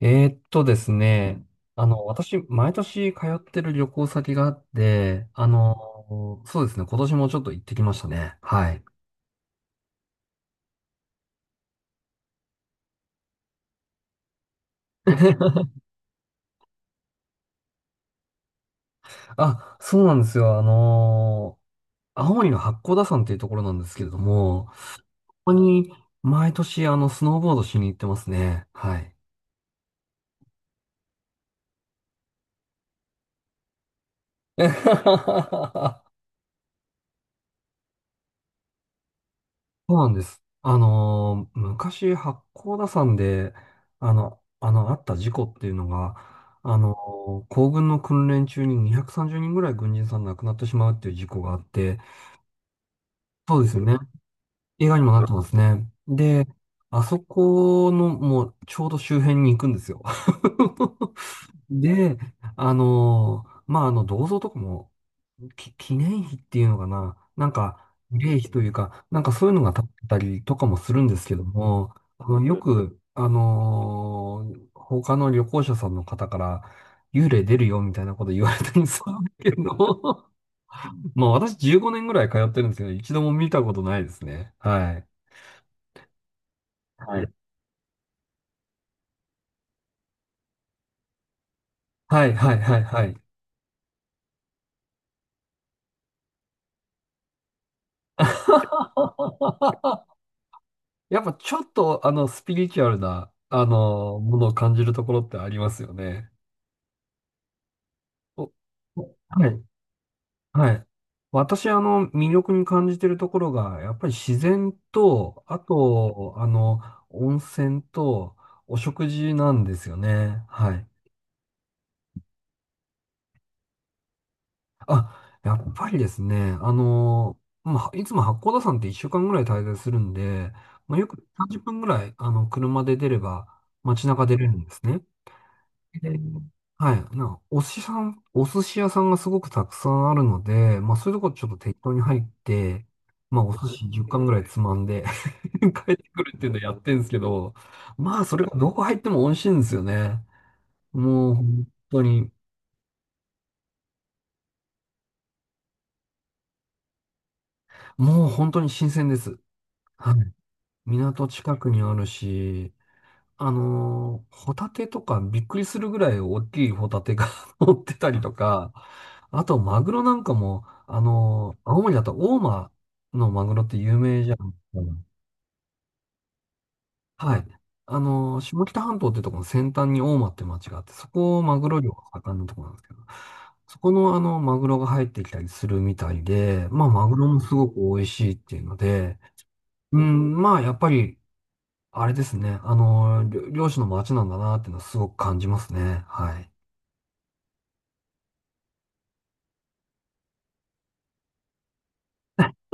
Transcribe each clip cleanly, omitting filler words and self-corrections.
ですね、私、毎年通ってる旅行先があって、そうですね、今年もちょっと行ってきましたね。はい。あ、そうなんですよ。青森の八甲田山っていうところなんですけれども、ここに毎年、スノーボードしに行ってますね。はい。そうなんです。昔、八甲田山で、あった事故っていうのが、あの行軍の訓練中に230人ぐらい軍人さん亡くなってしまうっていう事故があって、そうですよね。映画にもなってますね。で、あそこの、もう、ちょうど周辺に行くんですよ。で、まあ、銅像とかも、記念碑っていうのかな、なんか、慰霊碑というか、なんかそういうのが立ってたりとかもするんですけども、よく、他の旅行者さんの方から、幽霊出るよみたいなこと言われたりするんですけど、まあ私15年ぐらい通ってるんですけど、一度も見たことないですね。はい。はい。はい、はい、はい、はい。やっぱちょっと、スピリチュアルな、ものを感じるところってありますよね。おはい。はい。私、魅力に感じてるところが、やっぱり自然と、あと、温泉と、お食事なんですよね。はい。あ、やっぱりですね、まあ、いつも八甲田山って1週間ぐらい滞在するんで、まあ、よく30分ぐらい、車で出れば、街中出れるんですね。で、はい。なんか、お寿司屋さんがすごくたくさんあるので、まあそういうとこちょっと適当に入って、まあお寿司10貫ぐらいつまんで 帰ってくるっていうのやってるんですけど、まあそれがどこ入っても美味しいんですよね。もう本当に、もう本当に新鮮です。はい。港近くにあるし、ホタテとかびっくりするぐらい大きいホタテが 乗ってたりとか、あとマグロなんかも、青森だと大間のマグロって有名じゃん。はい。下北半島ってところの先端に大間って町があって、そこをマグロ漁が盛んなところなんですけど、そこのマグロが入ってきたりするみたいで、まあ、マグロもすごく美味しいっていうので、うん、まあ、やっぱりあれですね。漁師の町なんだなっていうのはすごく感じますね。はい。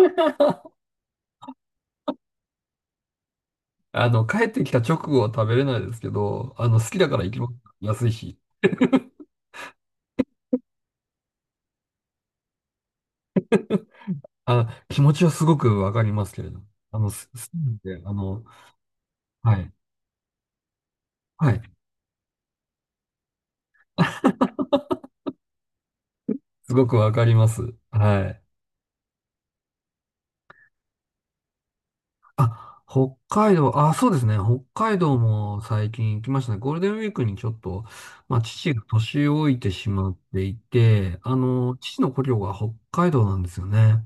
帰ってきた直後は食べれないですけど、好きだから行きます。安いし。あ、気持ちはすごくわかりますけれど。好きなんで、はい。はい。すごくわかります。はい。あ、北海道、あ、そうですね。北海道も最近行きましたね。ゴールデンウィークにちょっと、まあ、父が年老いてしまっていて、父の故郷が北海道なんですよね。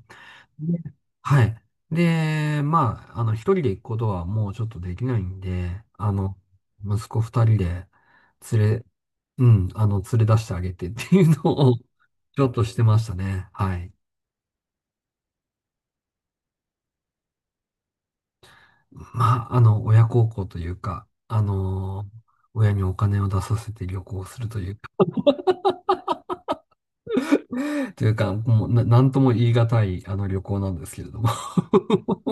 で、はい。で、まあ、一人で行くことはもうちょっとできないんで、息子二人で連れ、うん、連れ出してあげてっていうのを ちょっとしてましたね。はい。まあ、親孝行というか、親にお金を出させて旅行するというか、というか、もうなんとも言い難い、旅行なんですけれども。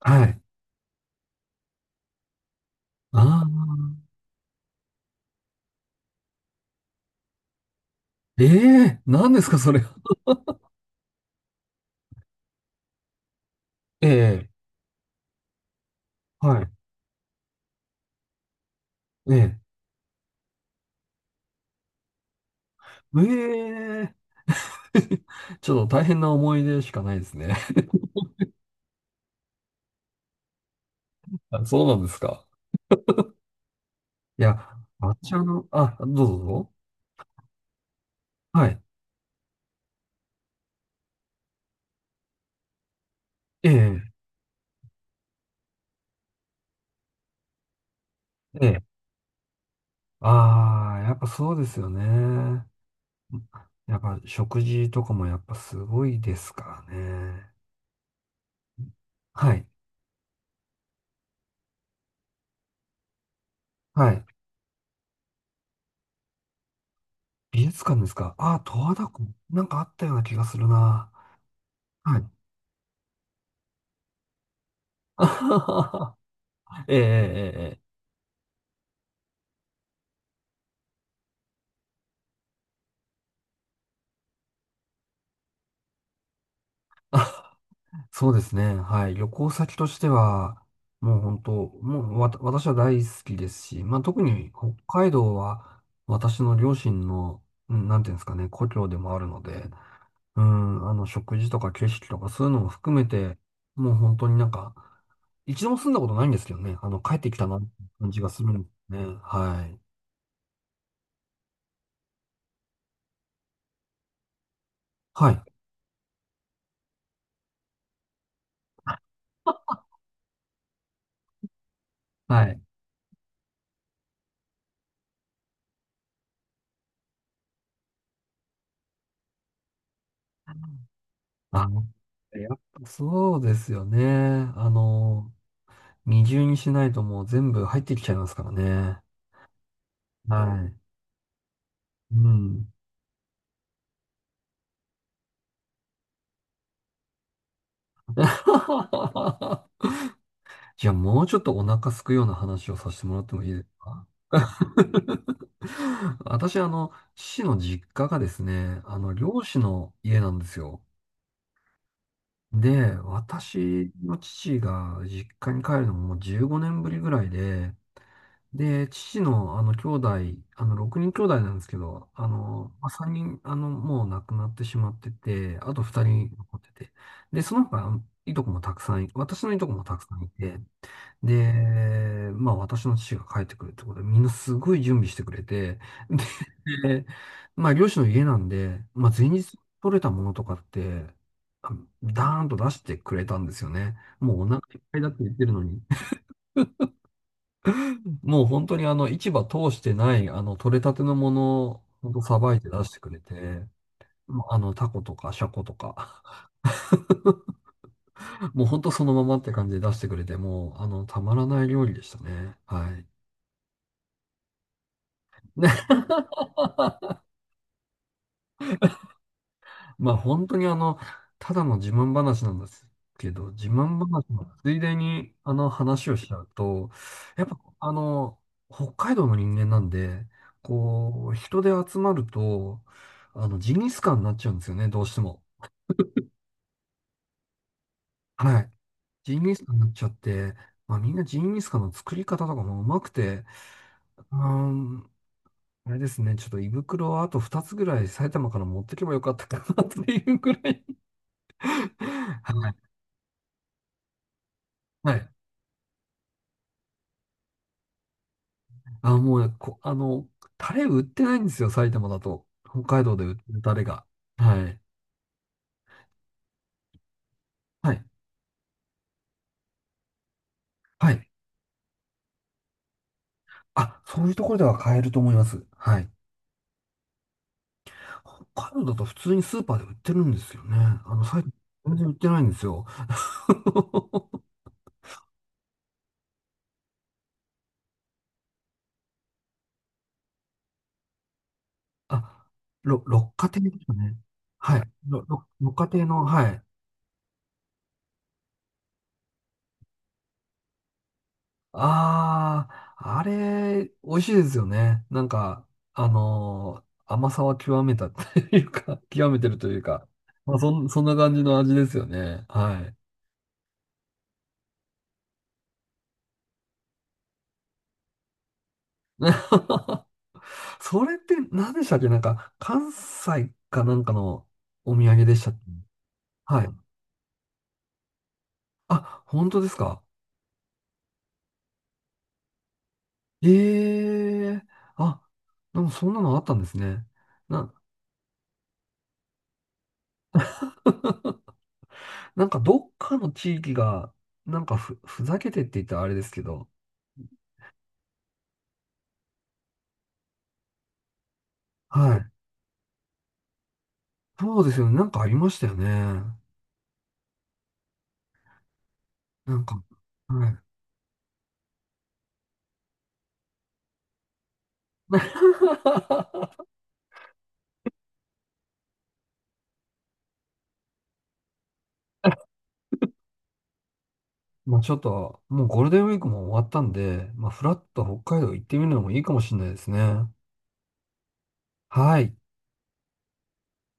はい。ああ、ええー、何ですか、それは。ええ、はい。ええええ。 ちょっと大変な思い出しかないですね。あ、そうなんですか。いや、私あ、どうぞどうぞ。はい。ええ、ええ。ああ、やっぱそうですよね。やっぱ食事とかもやっぱすごいですからね。はい。はい。美術館ですか。ああ、十和田湖。なんかあったような気がするな。はい。あはははええ、ええ、ええ。そうですね。はい。旅行先としては、もう本当、もうわた、私は大好きですし、まあ特に北海道は私の両親の、うん、なんていうんですかね、故郷でもあるので、うん、食事とか景色とかそういうのも含めて、もう本当になんか、一度も住んだことないんですけどね、帰ってきたなって感じがするんですね。はい。はい。はい。あ、やっぱそうですよね。二重にしないともう全部入ってきちゃいますからね。はい。うん。じゃあもうちょっとお腹すくような話をさせてもらってもいいですか？ 私、父の実家がですね、漁師の家なんですよ。で、私の父が実家に帰るのももう15年ぶりぐらいで、父の、兄弟、6人兄弟なんですけど、まあ、3人、もう亡くなってしまってて、あと2人残ってて、で、その他、あのいとこもたくさんい、私のいとこもたくさんいて、で、まあ、私の父が帰ってくるってことで、みんなすごい準備してくれて、で、まあ、漁師の家なんで、まあ、前日取れたものとかって、あのダーンと出してくれたんですよね。もうお腹いっぱいだって言ってるのに、もう本当に市場通してない、取れたてのものを、本当さばいて出してくれて、もうタコとかシャコとか、もう本当そのままって感じで出してくれて、もう、たまらない料理でしたね。はい。ね まあ本当にただの自慢話なんですけど、自慢話のついでに、話をしちゃうと、やっぱ、北海道の人間なんで、こう、人で集まると、ジンギスカンになっちゃうんですよね、どうしても。はい。ジンギスカンになっちゃって、まあみんなジンギスカンの作り方とかもうまくて、うーん、あれですね、ちょっと胃袋をあと2つぐらい埼玉から持ってけばよかったかなっていうぐらい。はい。はい。あ、もうタレ売ってないんですよ、埼玉だと。北海道で売ってるタレが。はい。はい。はい。あ、そういうところでは買えると思います。はい。北海道だと普通にスーパーで売ってるんですよね。埼玉全然売ってないんですよ。あ、六花亭ですかね。はい。六花亭の、はい。ああ、あれ、美味しいですよね。なんか、甘さは極めたっていうか、極めてるというか、まあ、そんな感じの味ですよね。はい。それって何でしたっけ？なんか、関西かなんかのお土産でしたっけ？はい。あ、本当ですか？ええ。あ、でもそんなのあったんですね。な、なんかどっかの地域が、なんかふざけてって言ったらあれですけど、はい。そうですよね。なんかありましたよね。なんか、はい。まあちょっと、もうゴールデンウィークも終わったんで、まあフラッと北海道行ってみるのもいいかもしれないですね。はい。